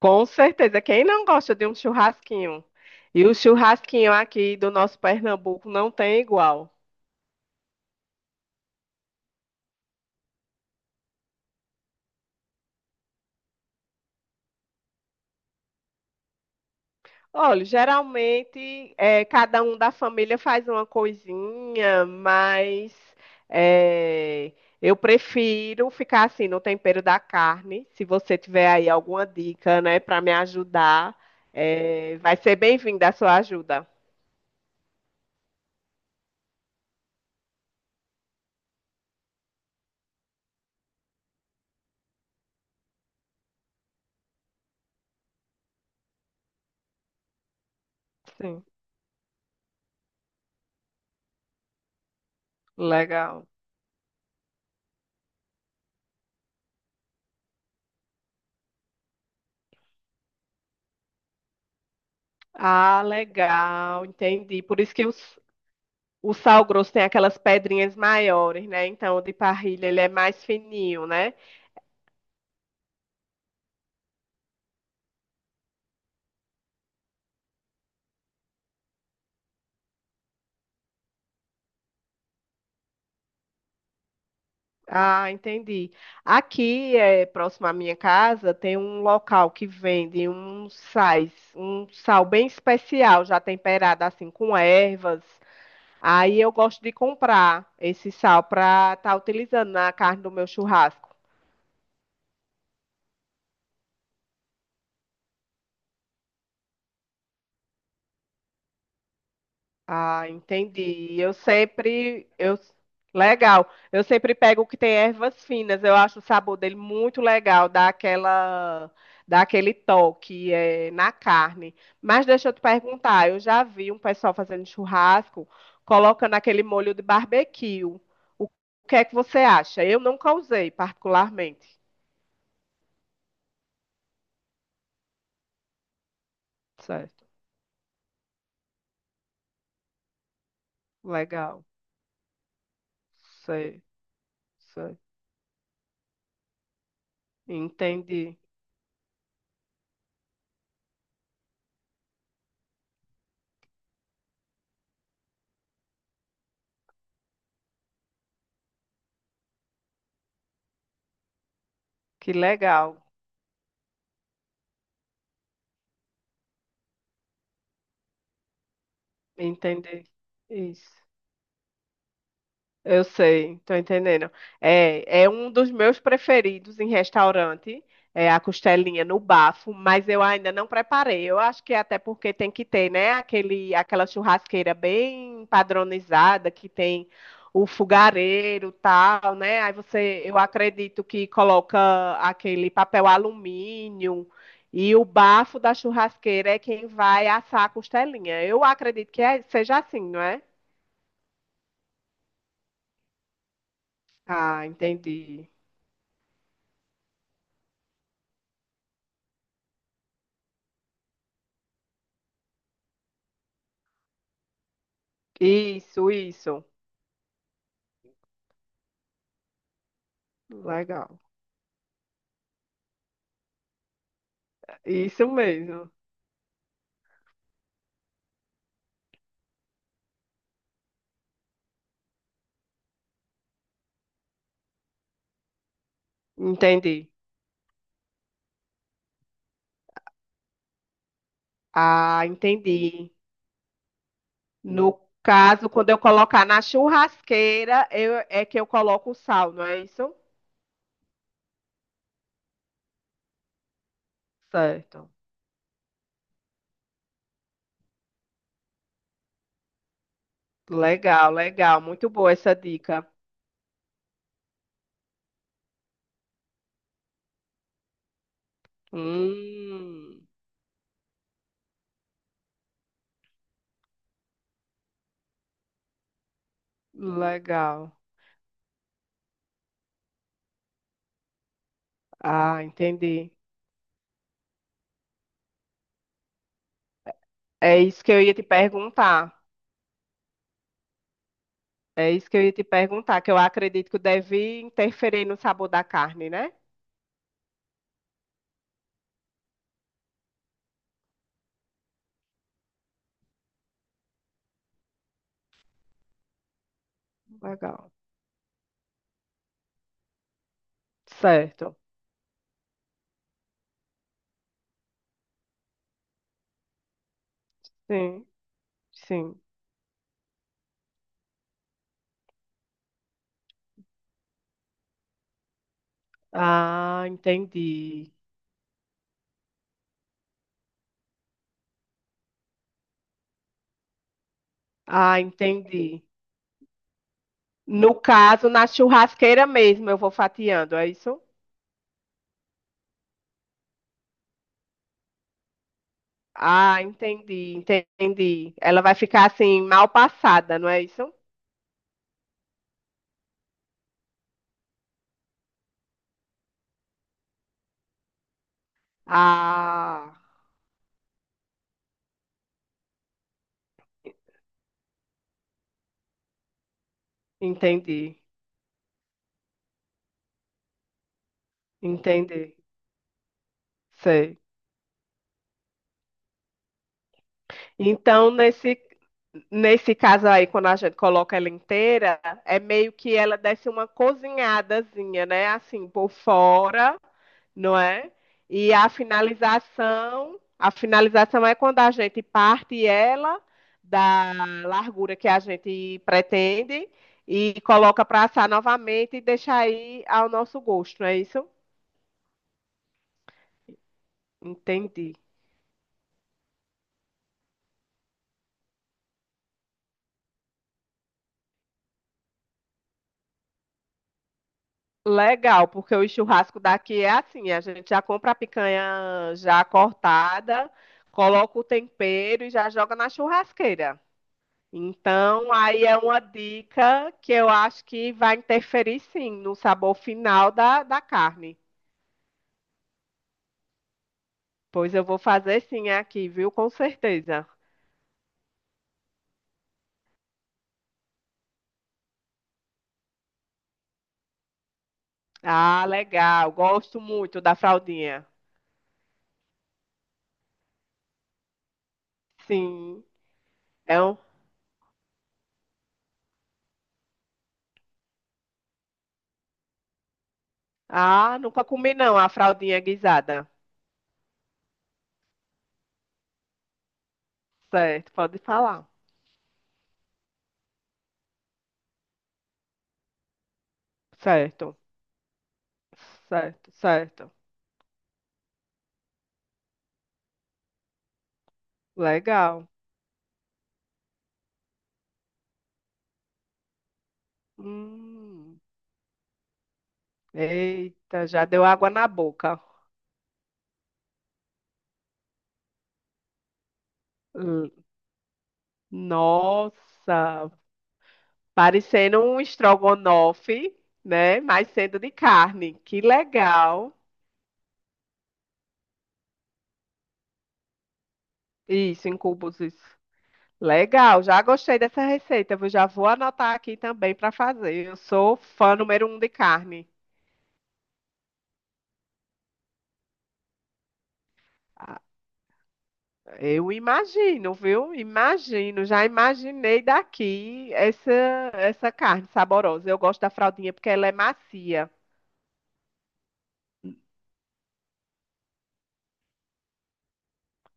Com certeza. Quem não gosta de um churrasquinho? E o churrasquinho aqui do nosso Pernambuco não tem igual. Olha, geralmente cada um da família faz uma coisinha, mas eh, eu prefiro ficar assim no tempero da carne. Se você tiver aí alguma dica, né, para me ajudar, vai ser bem-vinda a sua ajuda. Sim, legal. Ah, legal, entendi. Por isso que eu. O sal grosso tem aquelas pedrinhas maiores, né? Então, o de parrilha, ele é mais fininho, né? Ah, entendi. Aqui, é, próximo à minha casa, tem um local que vende um sais, um sal bem especial, já temperado assim com ervas. Aí eu gosto de comprar esse sal para estar utilizando na carne do meu churrasco. Ah, entendi. Eu sempre, eu, legal. Eu sempre pego o que tem ervas finas. Eu acho o sabor dele muito legal, dá aquela, dá aquele toque na carne. Mas deixa eu te perguntar, eu já vi um pessoal fazendo churrasco, colocando aquele molho de barbecue. O que é que você acha? Eu nunca usei particularmente. Certo. Legal. Sei, sei. Entendi. Que legal. Entendi. Isso. Eu sei, tô entendendo. É, é um dos meus preferidos em restaurante, é a costelinha no bafo, mas eu ainda não preparei. Eu acho que é até porque tem que ter, né, aquele, aquela churrasqueira bem padronizada que tem o fogareiro, tal, né? Aí você, eu acredito que coloca aquele papel alumínio e o bafo da churrasqueira é quem vai assar a costelinha. Eu acredito que é- seja assim, não é? Ah, entendi. Isso, isso. Legal. Isso mesmo. Entendi. Ah, entendi. No caso, quando eu colocar na churrasqueira, eu- é que eu coloco o sal, não é isso? Certo. Legal, legal. Muito boa essa dica. Hum, legal. Ah, entendi. É isso que eu ia te perguntar. É isso que eu ia te perguntar, que eu acredito que deve interferir no sabor da carne, né? Legal. Certo. Sim, sim. Ah, entendi. Ah, entendi. No caso, na churrasqueira mesmo, eu vou fatiando, é isso? Ah, entendi, entendi. Ela vai ficar assim, mal passada, não é isso? Ah, entendi, entendi. Sei. Então, nesse, nesse caso aí, quando a gente coloca ela inteira, é meio que ela desce uma cozinhadazinha, né? Assim, por fora, não é? E a finalização é quando a gente parte ela da largura que a gente pretende e coloca para assar novamente e deixa aí ao nosso gosto, não é isso? Entendi. Legal, porque o churrasco daqui é assim, a gente já compra a picanha já cortada, coloca o tempero e já joga na churrasqueira. Então, aí é uma dica que eu acho que vai interferir sim no sabor final da, da carne. Pois eu vou fazer sim aqui, viu? Com certeza. Ah, legal. Gosto muito da fraldinha. Sim. É um... Ah, nunca comi não a fraldinha guisada. Certo, pode falar. Certo. Certo, certo. Legal. Hum, eita, já deu água na boca. Hum, nossa, parecendo um estrogonofe, né? Mas sendo de carne. Que legal. Isso, em cubos, isso. Legal, já gostei dessa receita. Eu já vou anotar aqui também para fazer. Eu sou fã número um de carne. Eu imagino, viu? Imagino, já imaginei daqui essa essa carne saborosa. Eu gosto da fraldinha porque ela é macia.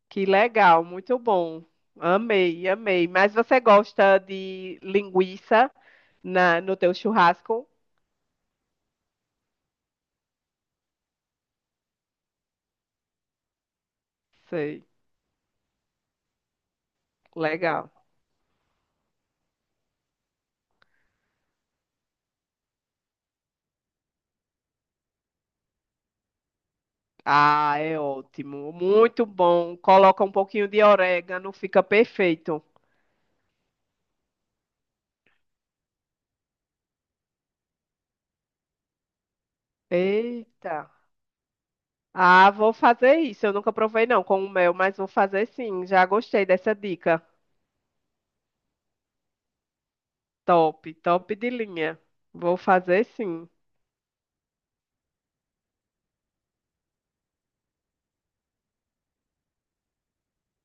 Que legal, muito bom. Amei, amei. Mas você gosta de linguiça na, no teu churrasco? Sei, legal. Ah, é ótimo, muito bom. Coloca um pouquinho de orégano, fica perfeito. Eita. Ah, vou fazer isso. Eu nunca provei não com o mel, mas vou fazer sim. Já gostei dessa dica. Top, top de linha. Vou fazer sim.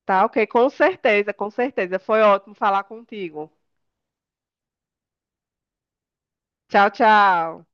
Tá ok, com certeza, com certeza. Foi ótimo falar contigo. Tchau, tchau.